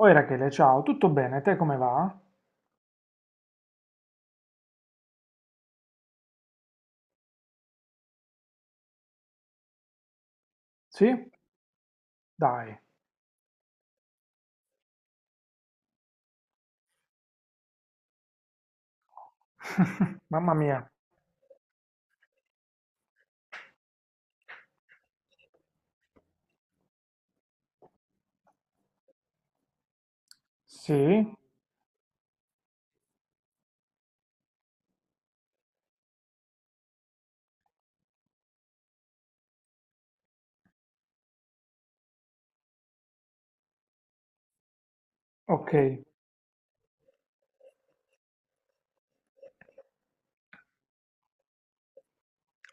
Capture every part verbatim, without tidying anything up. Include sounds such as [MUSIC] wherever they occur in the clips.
Oh Rachele, ciao, tutto bene? Te come va? Sì? Dai. [LAUGHS] Mamma mia. Sì? Ok,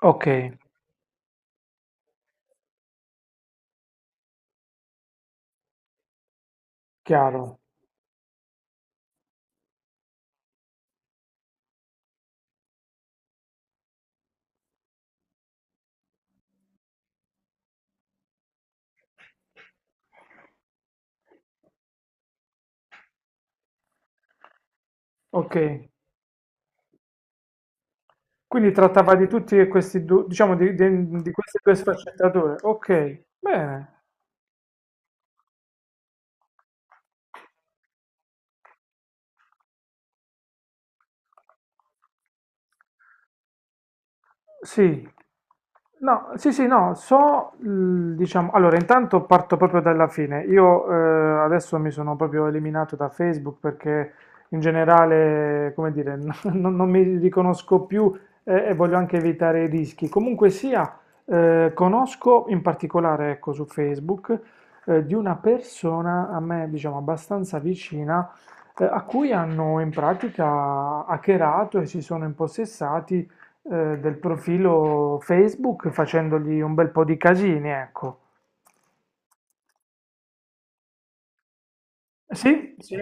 ok, chiaro. Ok. Quindi trattava di tutti e questi due, diciamo di, di- di queste due sfaccettature. Ok, bene. Sì, no, sì, sì, no, so, l- diciamo, allora intanto parto proprio dalla fine. Io eh, adesso mi sono proprio eliminato da Facebook perché in generale, come dire, [LAUGHS] non, non mi riconosco più, eh, e voglio anche evitare i rischi. Comunque sia, eh, conosco in particolare, ecco, su Facebook, eh, di una persona a me, diciamo, abbastanza vicina, eh, a cui hanno in pratica hackerato e si sono impossessati, eh, del profilo Facebook facendogli un bel po' di casini, ecco. Sì, sì,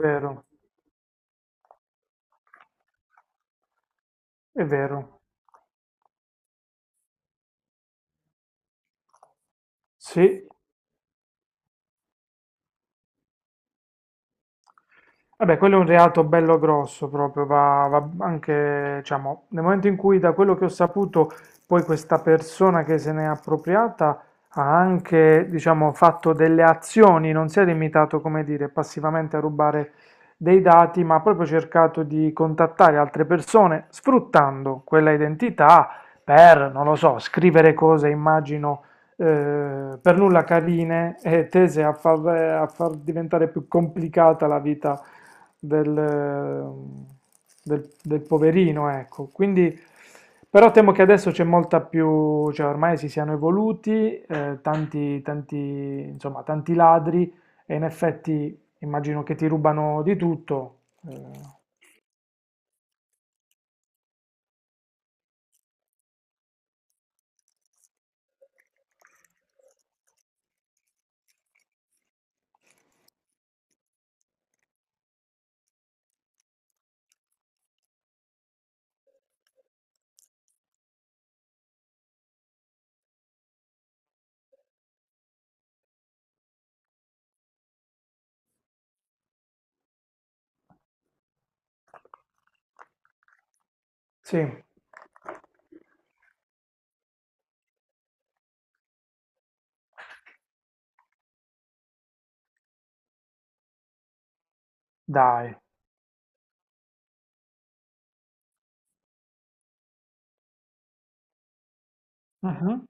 vero, è vero. Sì, vabbè, quello è un reato bello grosso proprio, va, va anche, diciamo, nel momento in cui da quello che ho saputo, poi questa persona che se n'è appropriata ha anche, diciamo, fatto delle azioni, non si è limitato, come dire, passivamente a rubare dei dati, ma ha proprio cercato di contattare altre persone sfruttando quella identità per, non lo so, scrivere cose, immagino, eh, per nulla carine e tese a far, a far diventare più complicata la vita del, eh, del- del poverino, ecco. Quindi, però temo che adesso c'è molta più, cioè ormai si siano evoluti, eh, tanti, tanti, insomma, tanti ladri e in effetti immagino che ti rubano di tutto. Eh, sì, dai. Mhm.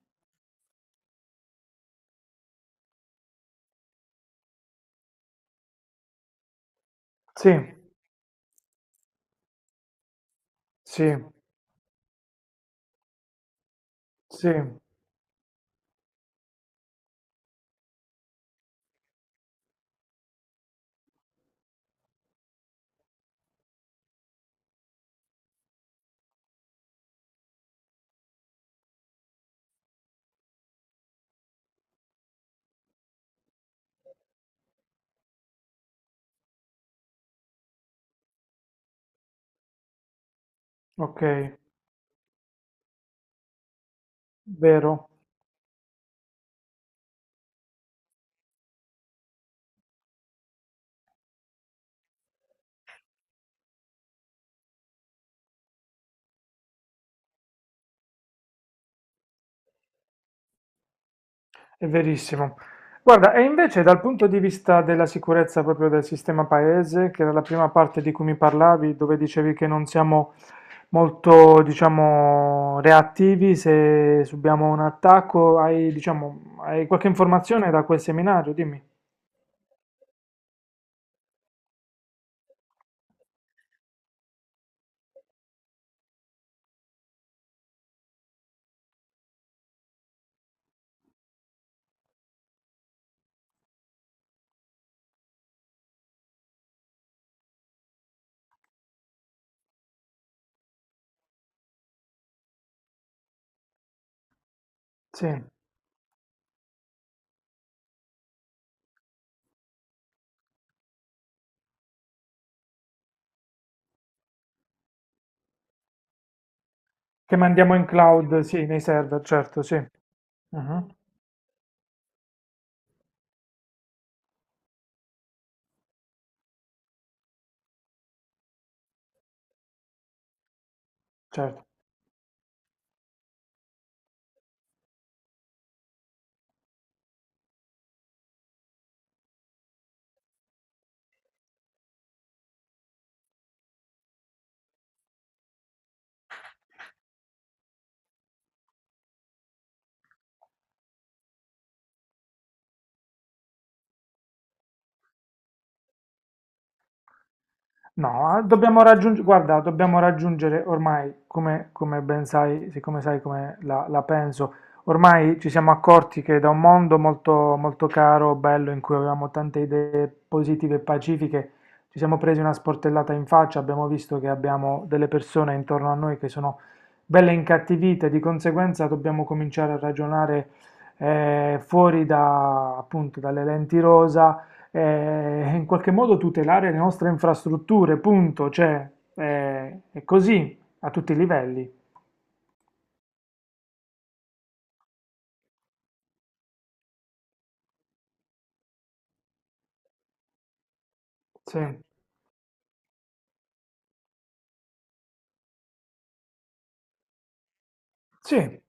Sì, sì, sì, ok, vero. È verissimo. Guarda, e invece dal punto di vista della sicurezza proprio del sistema paese, che era la prima parte di cui mi parlavi, dove dicevi che non siamo molto, diciamo, reattivi se subiamo un attacco, hai, diciamo, hai qualche informazione da quel seminario? Dimmi. Sì, che mandiamo in cloud, sì, nei server, certo, sì. Mhm. Certo. No, dobbiamo raggiungere, guarda, dobbiamo raggiungere ormai, come, come ben sai, siccome sai come la, la penso, ormai ci siamo accorti che da un mondo molto, molto caro, bello, in cui avevamo tante idee positive e pacifiche, ci siamo presi una sportellata in faccia, abbiamo visto che abbiamo delle persone intorno a noi che sono belle incattivite, di conseguenza dobbiamo cominciare a ragionare, eh, fuori da, appunto, dalle lenti rosa, eh, in qualche modo tutelare le nostre infrastrutture, punto, cioè, eh, è così a tutti i livelli. Sì, sì,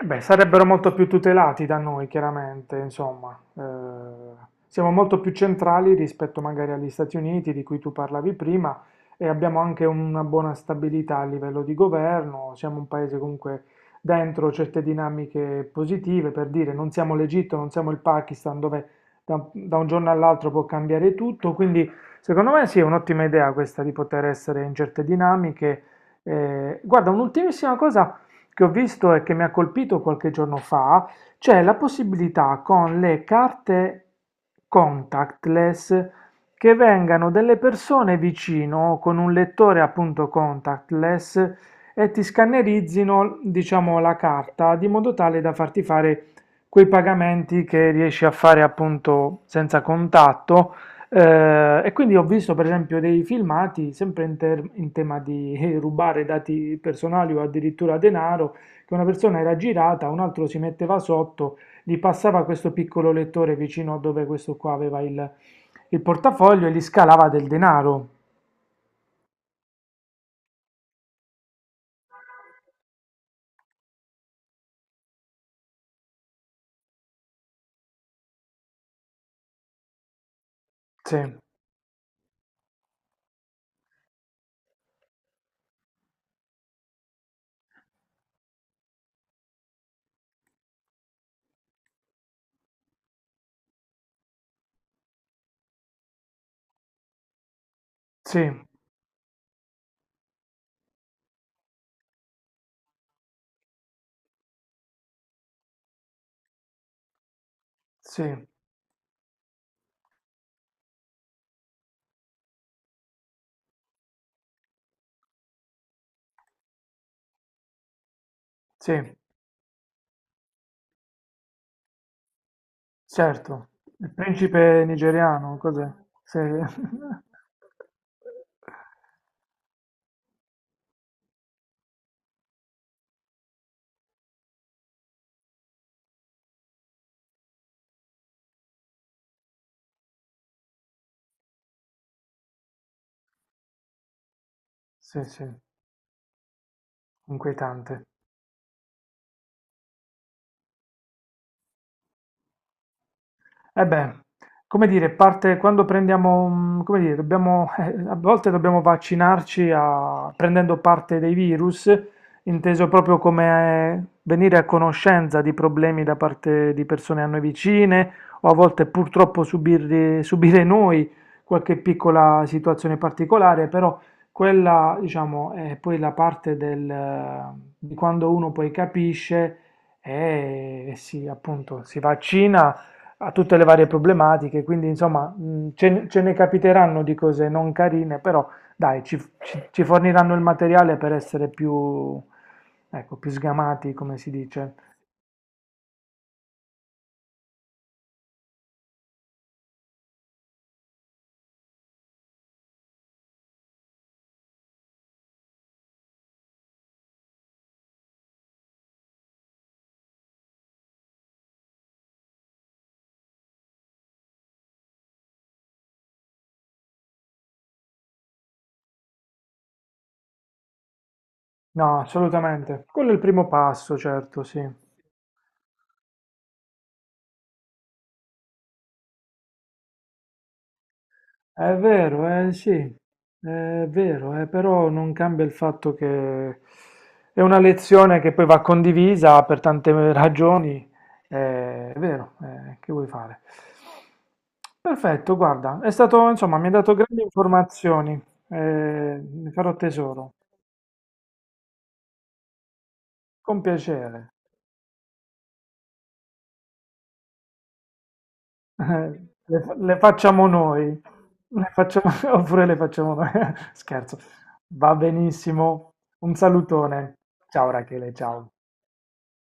eh beh, sarebbero molto più tutelati da noi, chiaramente, insomma. Eh, siamo molto più centrali rispetto magari agli Stati Uniti di cui tu parlavi prima e abbiamo anche una buona stabilità a livello di governo, siamo un paese comunque dentro certe dinamiche positive, per dire, non siamo l'Egitto, non siamo il Pakistan dove da, da un giorno all'altro può cambiare tutto, quindi secondo me sì, è un'ottima idea questa di poter essere in certe dinamiche. Eh, guarda, un'ultimissima cosa che ho visto e che mi ha colpito qualche giorno fa, c'è la possibilità con le carte contactless che vengano delle persone vicino con un lettore appunto contactless e ti scannerizzino, diciamo, la carta di modo tale da farti fare quei pagamenti che riesci a fare appunto senza contatto, eh, e quindi ho visto per esempio dei filmati sempre in, ter- in tema di [LAUGHS] eh, rubare dati personali o addirittura denaro, che una persona era girata, un altro si metteva sotto, gli passava questo piccolo lettore vicino a dove questo qua aveva il, il portafoglio e gli scalava del denaro. Sì, sì, sì, sì, certo. Il principe nigeriano, cos'è? Sì. [LAUGHS] Sì, sì, inquietante. Eh beh, come dire, parte quando prendiamo, mm, come dire, dobbiamo, [LAUGHS] eh, a volte dobbiamo vaccinarci a- prendendo parte dei virus, inteso proprio come venire a conoscenza di problemi da parte di persone a noi vicine, o a volte purtroppo subirli- subire noi qualche piccola situazione particolare, però quella, diciamo, è poi la parte del, di quando uno poi capisce e si, appunto, si vaccina a tutte le varie problematiche, quindi insomma, mh, ce, ne ce ne capiteranno di cose non carine, però dai, ci, ci- ci forniranno il materiale per essere più, ecco, più sgamati, come si dice. No, assolutamente. Quello è il primo passo, certo, sì. È vero, eh, sì, è vero, eh, però non cambia il fatto che è una lezione che poi va condivisa per tante ragioni, eh, è vero, eh, che vuoi fare? Perfetto, guarda, è stato, insomma, mi ha dato grandi informazioni, eh, ne farò tesoro, con piacere. Eh, le, fa- le facciamo noi, le facciamo- [LAUGHS] oppure le facciamo noi. [LAUGHS] Scherzo, va benissimo. Un salutone. Ciao Rachele, ciao.